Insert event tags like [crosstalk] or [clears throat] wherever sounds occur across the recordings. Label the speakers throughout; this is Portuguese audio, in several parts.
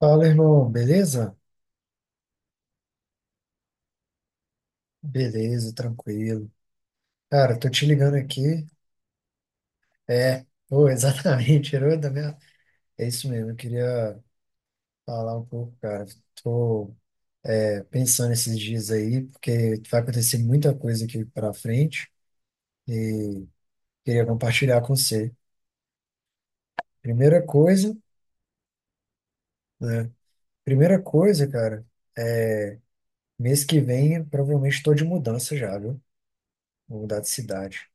Speaker 1: Fala, irmão, beleza? Beleza, tranquilo. Cara, tô te ligando aqui. É, pô, [laughs] exatamente, herói da minha. É isso mesmo, eu queria falar um pouco, cara. Tô pensando esses dias aí, porque vai acontecer muita coisa aqui pra frente e queria compartilhar com você. Primeira coisa, né? Primeira coisa, cara, mês que vem eu provavelmente tô de mudança já, viu? Vou mudar de cidade.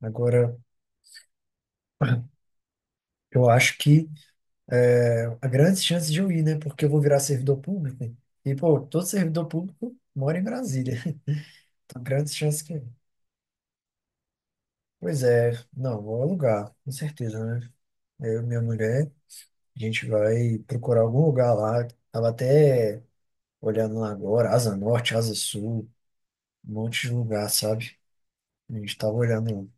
Speaker 1: Agora, [clears throat] eu acho que é a grande chance de eu ir, né? Porque eu vou virar servidor público. E, pô, todo servidor público mora em Brasília. [laughs] Então, grandes chances que. Pois é, não, vou alugar, com certeza, né? Eu e minha mulher, a gente vai procurar algum lugar lá. Tava até olhando lá agora, Asa Norte, Asa Sul, um monte de lugar, sabe? A gente tava olhando.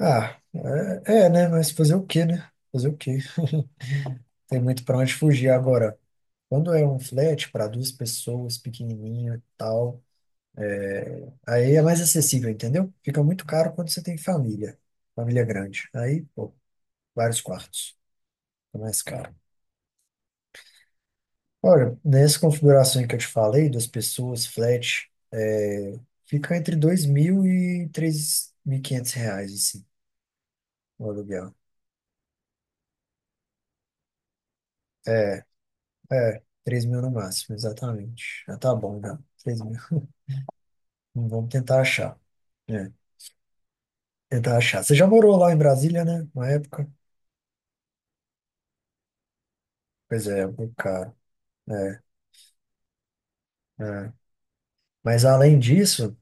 Speaker 1: Ah, é, é, né? Mas fazer o quê, né? Fazer o quê? Tem muito pra onde fugir agora. Quando é um flat para duas pessoas, pequenininho e tal. Aí é mais acessível, entendeu? Fica muito caro quando você tem família, família grande. Aí, pô, vários quartos, é mais caro. Olha, nessa configuração que eu te falei, das pessoas, flat, fica entre 2.000 e R$ 3.500, assim, o aluguel. É, é, 3.000 no máximo, exatamente. Já tá bom, já. 3.000. Vamos tentar achar. É, tentar achar. Você já morou lá em Brasília, né? Uma época? Pois é, é muito caro. É, é. Mas além disso,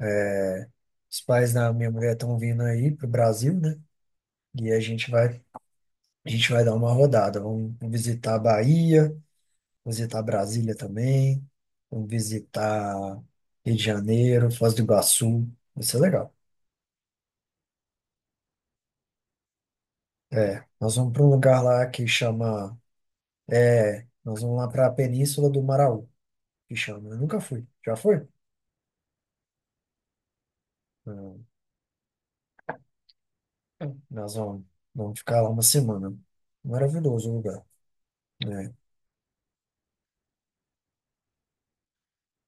Speaker 1: É, os pais da minha mulher estão vindo aí pro Brasil, né? E a gente vai dar uma rodada. Vamos visitar a Bahia, visitar Brasília também, vamos visitar Rio de Janeiro, Foz do Iguaçu. Vai ser legal. É, nós vamos para um lugar lá que chama. É, nós vamos lá para a Península do Maraú, que chama. Eu nunca fui. Já foi? Não. Nós vamos ficar lá uma semana. Maravilhoso o lugar. Né?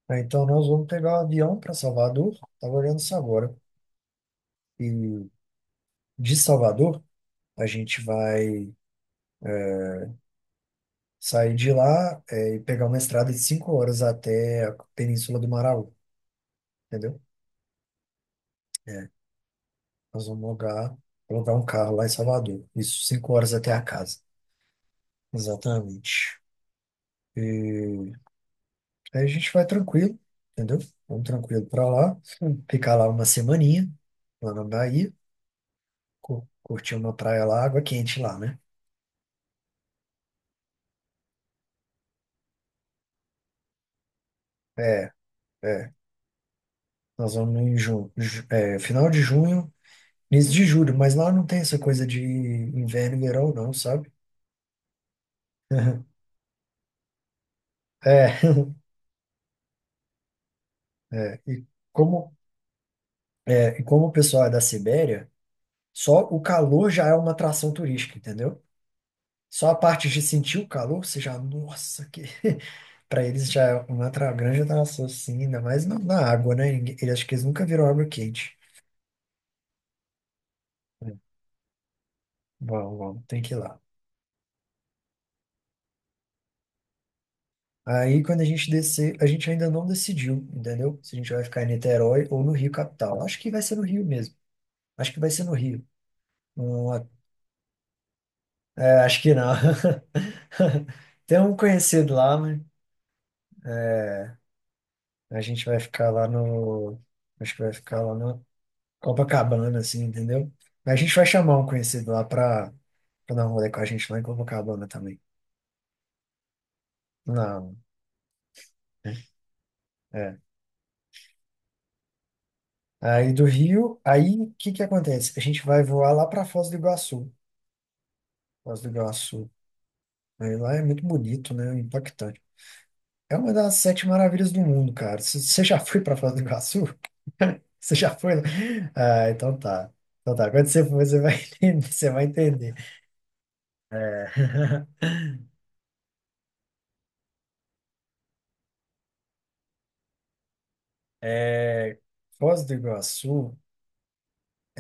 Speaker 1: Então, nós vamos pegar o avião para Salvador. Estava olhando isso agora. E de Salvador, a gente vai é, sair de lá, e pegar uma estrada de 5 horas até a Península do Maraú, entendeu? Nós vamos alugar um carro lá em Salvador. Isso, 5 horas até a casa. Exatamente. Aí a gente vai tranquilo, entendeu? Vamos tranquilo para lá. Sim. Ficar lá uma semaninha, lá na Bahia. Curtir uma praia lá, água quente lá, né? É, é. Nós vamos em junho, final de junho, início de julho, mas lá não tem essa coisa de inverno e verão, não, sabe? [laughs] É, é, e como, e como o pessoal é da Sibéria, só o calor já é uma atração turística, entendeu? Só a parte de sentir o calor, você já, nossa, que [laughs] para eles já é uma grande atração, sim, ainda mais na água, né? Eles acho que eles nunca viram água quente. É, vamos, vamos, tem que ir lá. Aí, quando a gente descer, a gente ainda não decidiu, entendeu? Se a gente vai ficar em Niterói ou no Rio capital. Acho que vai ser no Rio mesmo. Acho que vai ser no Rio. Não, acho que não. [laughs] Tem um conhecido lá, mas a gente vai ficar lá no. Acho que vai ficar lá no Copacabana, assim, entendeu? Mas a gente vai chamar um conhecido lá pra dar um rolê com a gente lá em Copacabana também. Não, né? É. Aí do Rio, aí o que que acontece? A gente vai voar lá para Foz do Iguaçu. Foz do Iguaçu. Aí lá é muito bonito, né? Impactante. É uma das sete maravilhas do mundo, cara. Você já foi para Foz do Iguaçu? [laughs] Você já foi lá? Ah, então tá. Então tá. Quando você for, você vai [laughs] entender. Você vai entender. É, [laughs] é, Foz do Iguaçu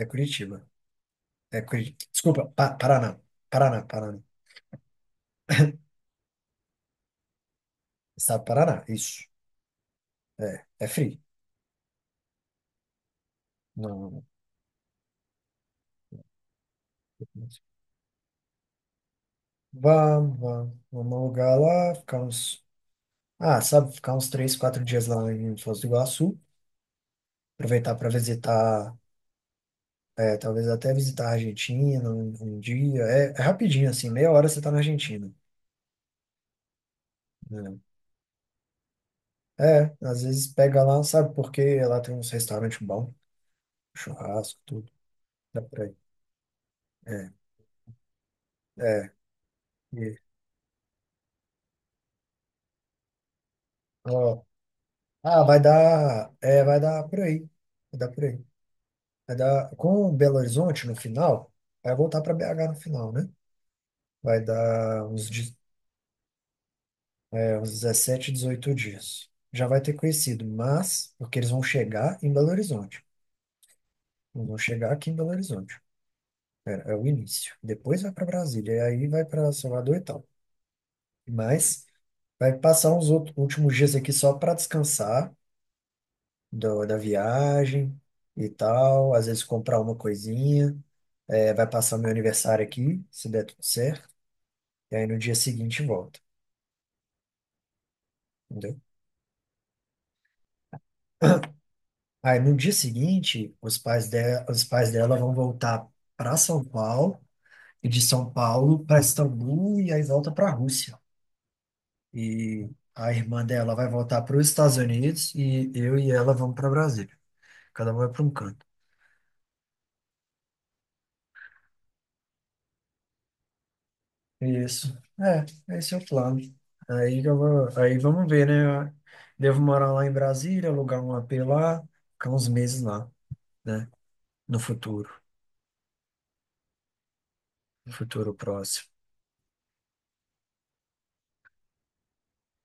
Speaker 1: é Curitiba. É Curitiba. Desculpa, Paraná. Paraná, Paraná. Estado do Paraná, isso. É, é frio. Não, não, não. Vamos, vamos. Vamos alugar lá, ficar uns. Ah, sabe, ficar uns 3, 4 dias lá em Foz do Iguaçu. Aproveitar para visitar, talvez até visitar a Argentina um dia. É, é rapidinho, assim, meia hora você tá na Argentina, né? É, às vezes pega lá, sabe, porque lá tem uns restaurantes bons, churrasco, tudo. Dá pra ir. É, é. E, ó, ah, vai dar por aí. Vai dar por aí. Vai dar, com Belo Horizonte no final, vai voltar para BH no final, né? Vai dar uns 17, 18 dias. Já vai ter conhecido, mas porque eles vão chegar em Belo Horizonte. Eles vão chegar aqui em Belo Horizonte. É, é o início. Depois vai para Brasília, e aí vai para Salvador e tal. Mas vai passar uns outros, últimos dias aqui só para descansar da viagem e tal. Às vezes comprar uma coisinha. É, vai passar meu aniversário aqui, se der tudo certo. E aí no dia seguinte volta. Entendeu? Aí no dia seguinte, os pais dela vão voltar para São Paulo e de São Paulo para Istambul e aí volta para a Rússia. E a irmã dela vai voltar para os Estados Unidos e eu e ela vamos para Brasília. Cada um vai para um canto. Isso. Esse é o plano. Aí vamos ver, né? Devo morar lá em Brasília, alugar um apê lá, ficar uns meses lá, né? No futuro, no futuro próximo.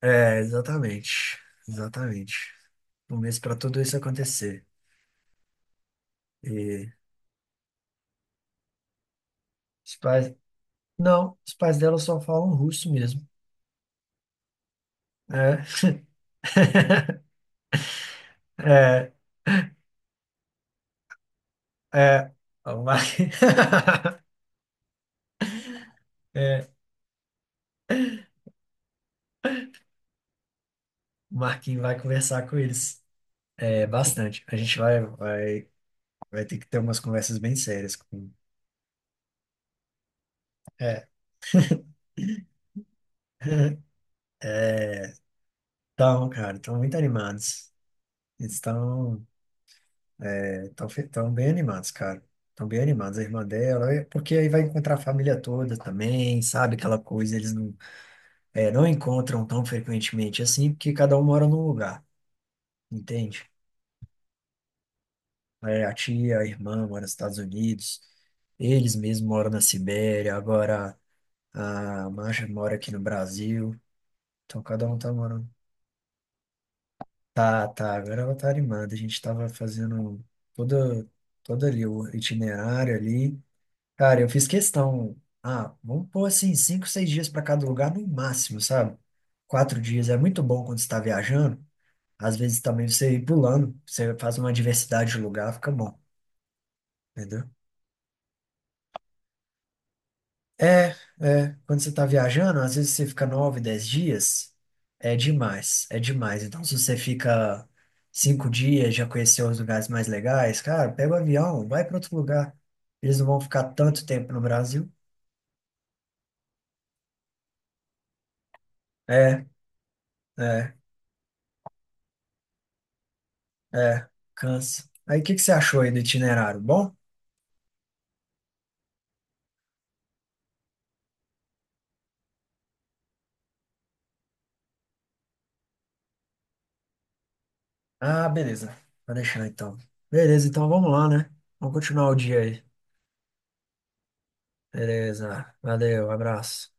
Speaker 1: É, exatamente. Exatamente. Um mês para tudo isso acontecer. E os pais. Não, os pais dela só falam russo mesmo. É. [laughs] É, é. O Mar... [laughs] é, o Marquinhos vai conversar com eles. É, bastante. A gente vai ter que ter umas conversas bem sérias com. É, então, cara, estão muito animados. Eles estão. Estão bem animados, cara. Estão bem animados. A irmã dela, porque aí vai encontrar a família toda também, sabe? Aquela coisa, eles não, não encontram tão frequentemente assim, porque cada um mora num lugar, entende? É, a tia, a irmã mora nos Estados Unidos, eles mesmos moram na Sibéria, agora a Masha mora aqui no Brasil, então cada um tá morando. Tá, tá, agora ela tá animada. A gente tava fazendo toda, todo ali o itinerário ali. Cara, eu fiz questão. Ah, vamos pôr assim, 5, 6 dias para cada lugar no máximo, sabe? 4 dias é muito bom quando você está viajando. Às vezes também você ir pulando, você faz uma diversidade de lugar, fica bom, entendeu? É, é. Quando você está viajando, às vezes você fica 9, 10 dias, é demais, é demais. Então, se você fica 5 dias, já conheceu os lugares mais legais, cara, pega o avião, vai para outro lugar. Eles não vão ficar tanto tempo no Brasil. É, é. É, cansa. Aí, o que que você achou aí do itinerário? Bom? Ah, beleza. Vai deixar então. Beleza, então vamos lá, né? Vamos continuar o dia aí. Beleza. Valeu, abraço.